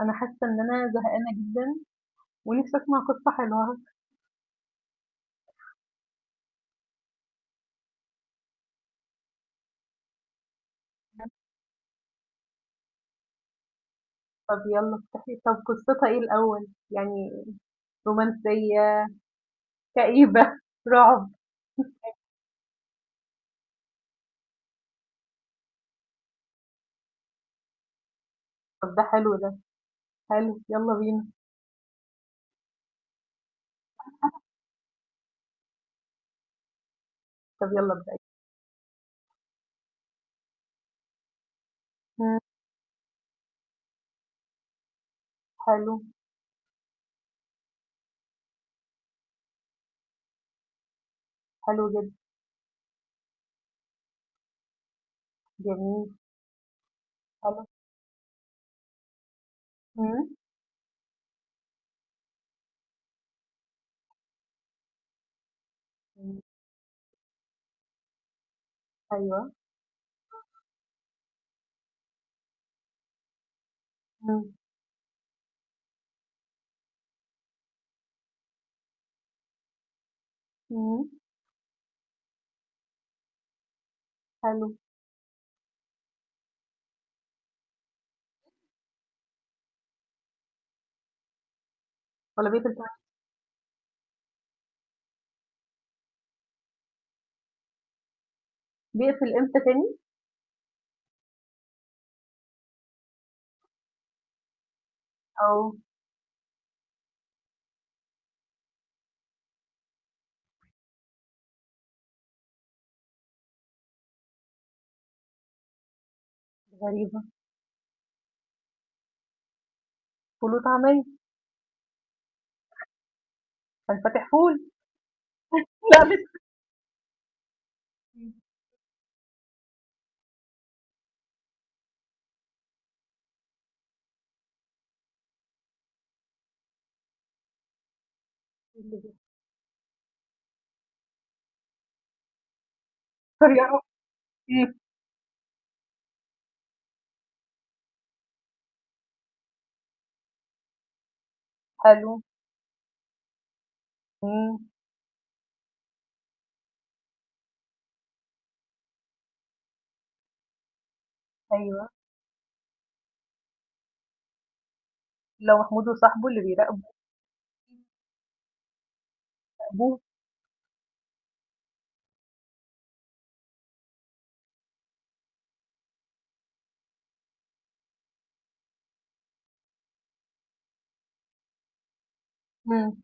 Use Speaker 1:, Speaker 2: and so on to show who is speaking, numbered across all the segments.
Speaker 1: أنا حاسة إن أنا زهقانة جدًا ونفسي أسمع قصة حلوة. طب يلا افتحي. طب قصتها إيه الأول؟ يعني رومانسية، كئيبة، رعب؟ طب ده حلو ده، حلو يلا بينا. طب يلا ابدئي. إمم، حلو. حلو جدًا. جميل. حلو. إمم، إمم، أيوه. إمم، إمم، حلو. والّا بيقفل تم؟ بيقفل إمتى تاني؟ آه. غريبة. فول وطعمية. كان فاتح فول. لأ مش إمم، إيه اللي بيحصل يا رب؟ إمم، حلو. إمم، أيوه. اللي هو محمود وصاحبه اللي بيراقبوا أبوه. إمم،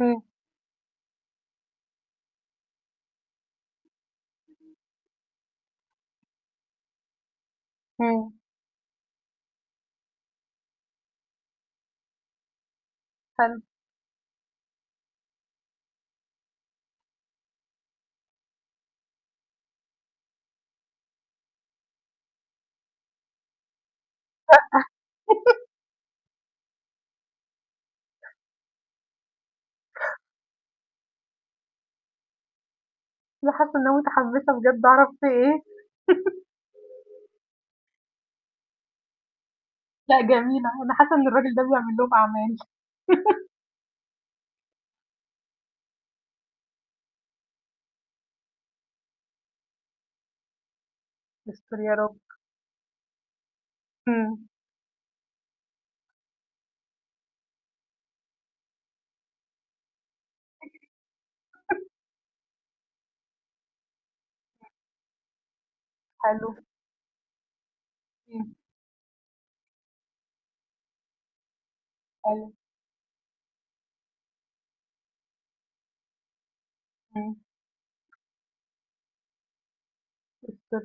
Speaker 1: إمم، إمم، حلو. أنا حاسة إن أنا متحمسة بجد أعرف في إيه. لأ جميلة، أنا حاسة إن الراجل ده بيعمل لهم أعمال. يستر يا رب. إمم، حلو. إمم، حلو. إمم، يستر.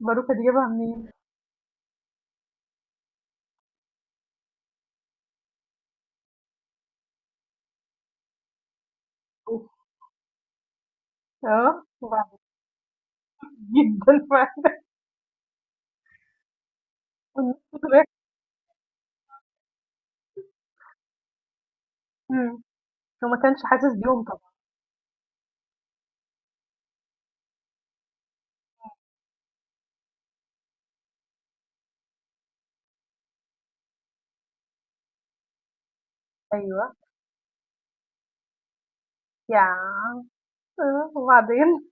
Speaker 1: باروكة دي جايبها منين؟ أوف! آه، وبعدين؟ جدًا فعلًا. والناس بتراقب. إمم، هو ما كانش حاسس بيهم طبعًا. أيوه. يا عم آه، وبعدين؟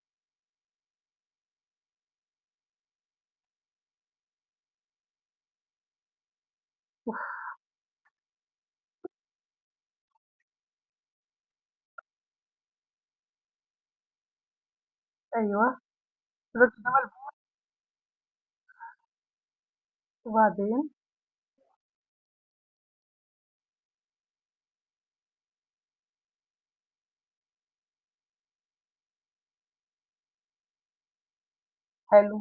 Speaker 1: أيوه. الراجل ده ملبوس. وبعدين؟ حلو.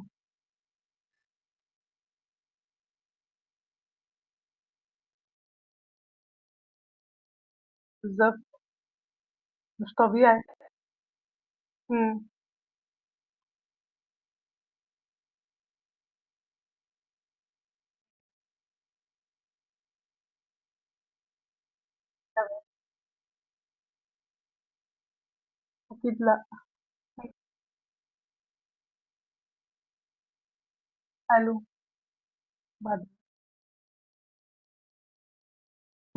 Speaker 1: بالضبط. مش طبيعي. إمم، أكيد لأ. حلو. بعد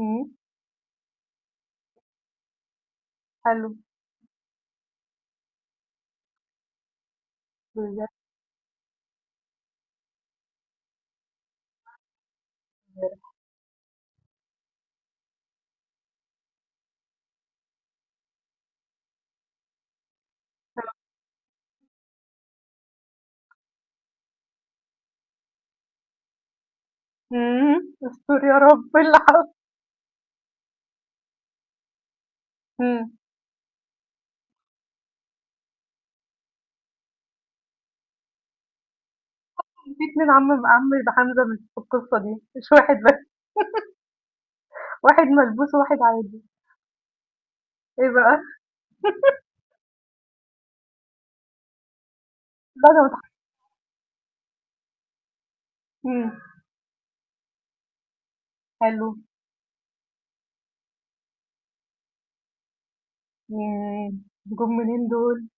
Speaker 1: إمم، حلو. بجد إمم، استر يا رب العفو. إمم، في 2 عم حمزة مش في القصة دي، مش واحد بس، واحد ملبوس وواحد عادي. إيه بقى؟ لا ده متح إمم، حلو. ياه! جُم منين دول؟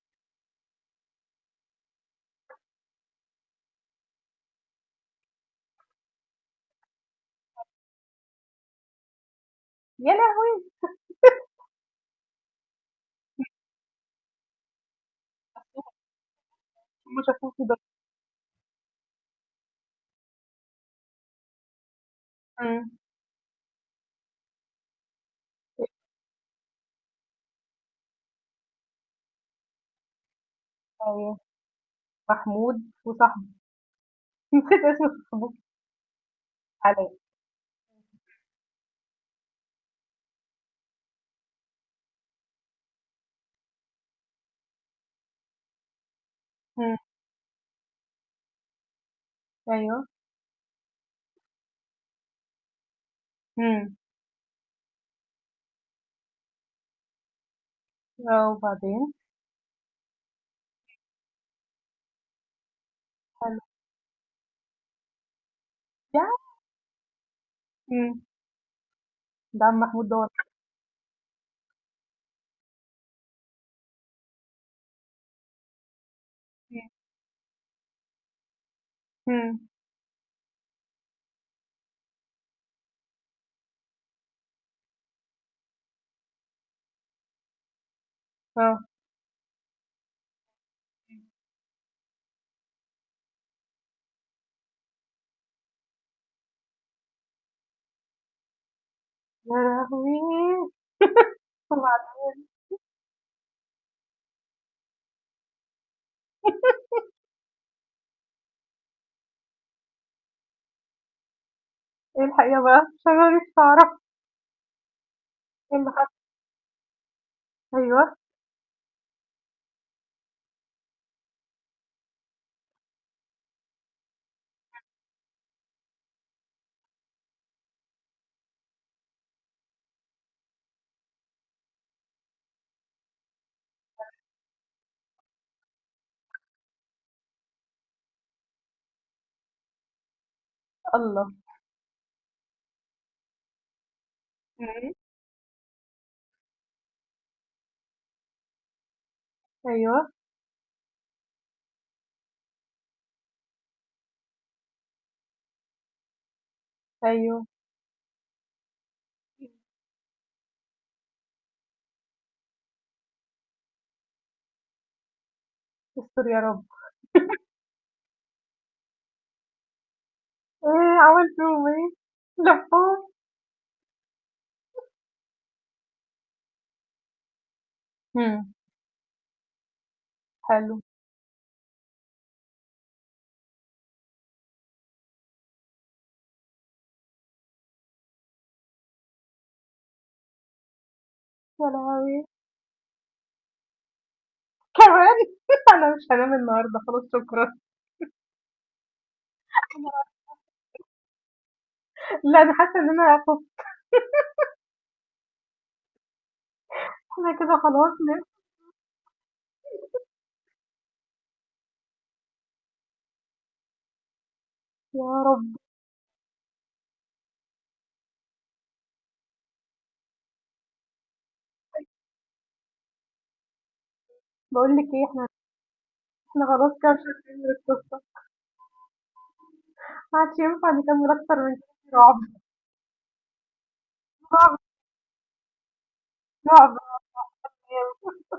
Speaker 1: يا لهوي! هُم شافوه كده. إمم، أيوه. محمود وصاحبه. نسيت اسم صاحبه. حلاوي. إمم، أيوه. إمم، آه وبعدين؟ حلو. يا عم إمم، ده عم محمود دوّة. إمم، إمم، آه. يا لهوي! وبعد إيه الحقيقة بقى؟ عشان أنا نفسي أعرف إيه اللي حصل. أيوه. الله! إمم، أيوه. أيوه. استر يا رب. إيه عملت فيهم إيه؟ لفّوهم؟ إمم، حلو. يا لهوي! كمان! أنا مش هانام النهارده خلاص شكرًا. لا أنا حاسة إن أنا خُفت. إحنا كده خلاص ن يا رب! باقول لك إيه، إحنا إحنا خلاص كده مش هنكمل القصة. ما عادش ينفع نكمل أكتر من كده. رعب. رعب. رعب. رعب. رعب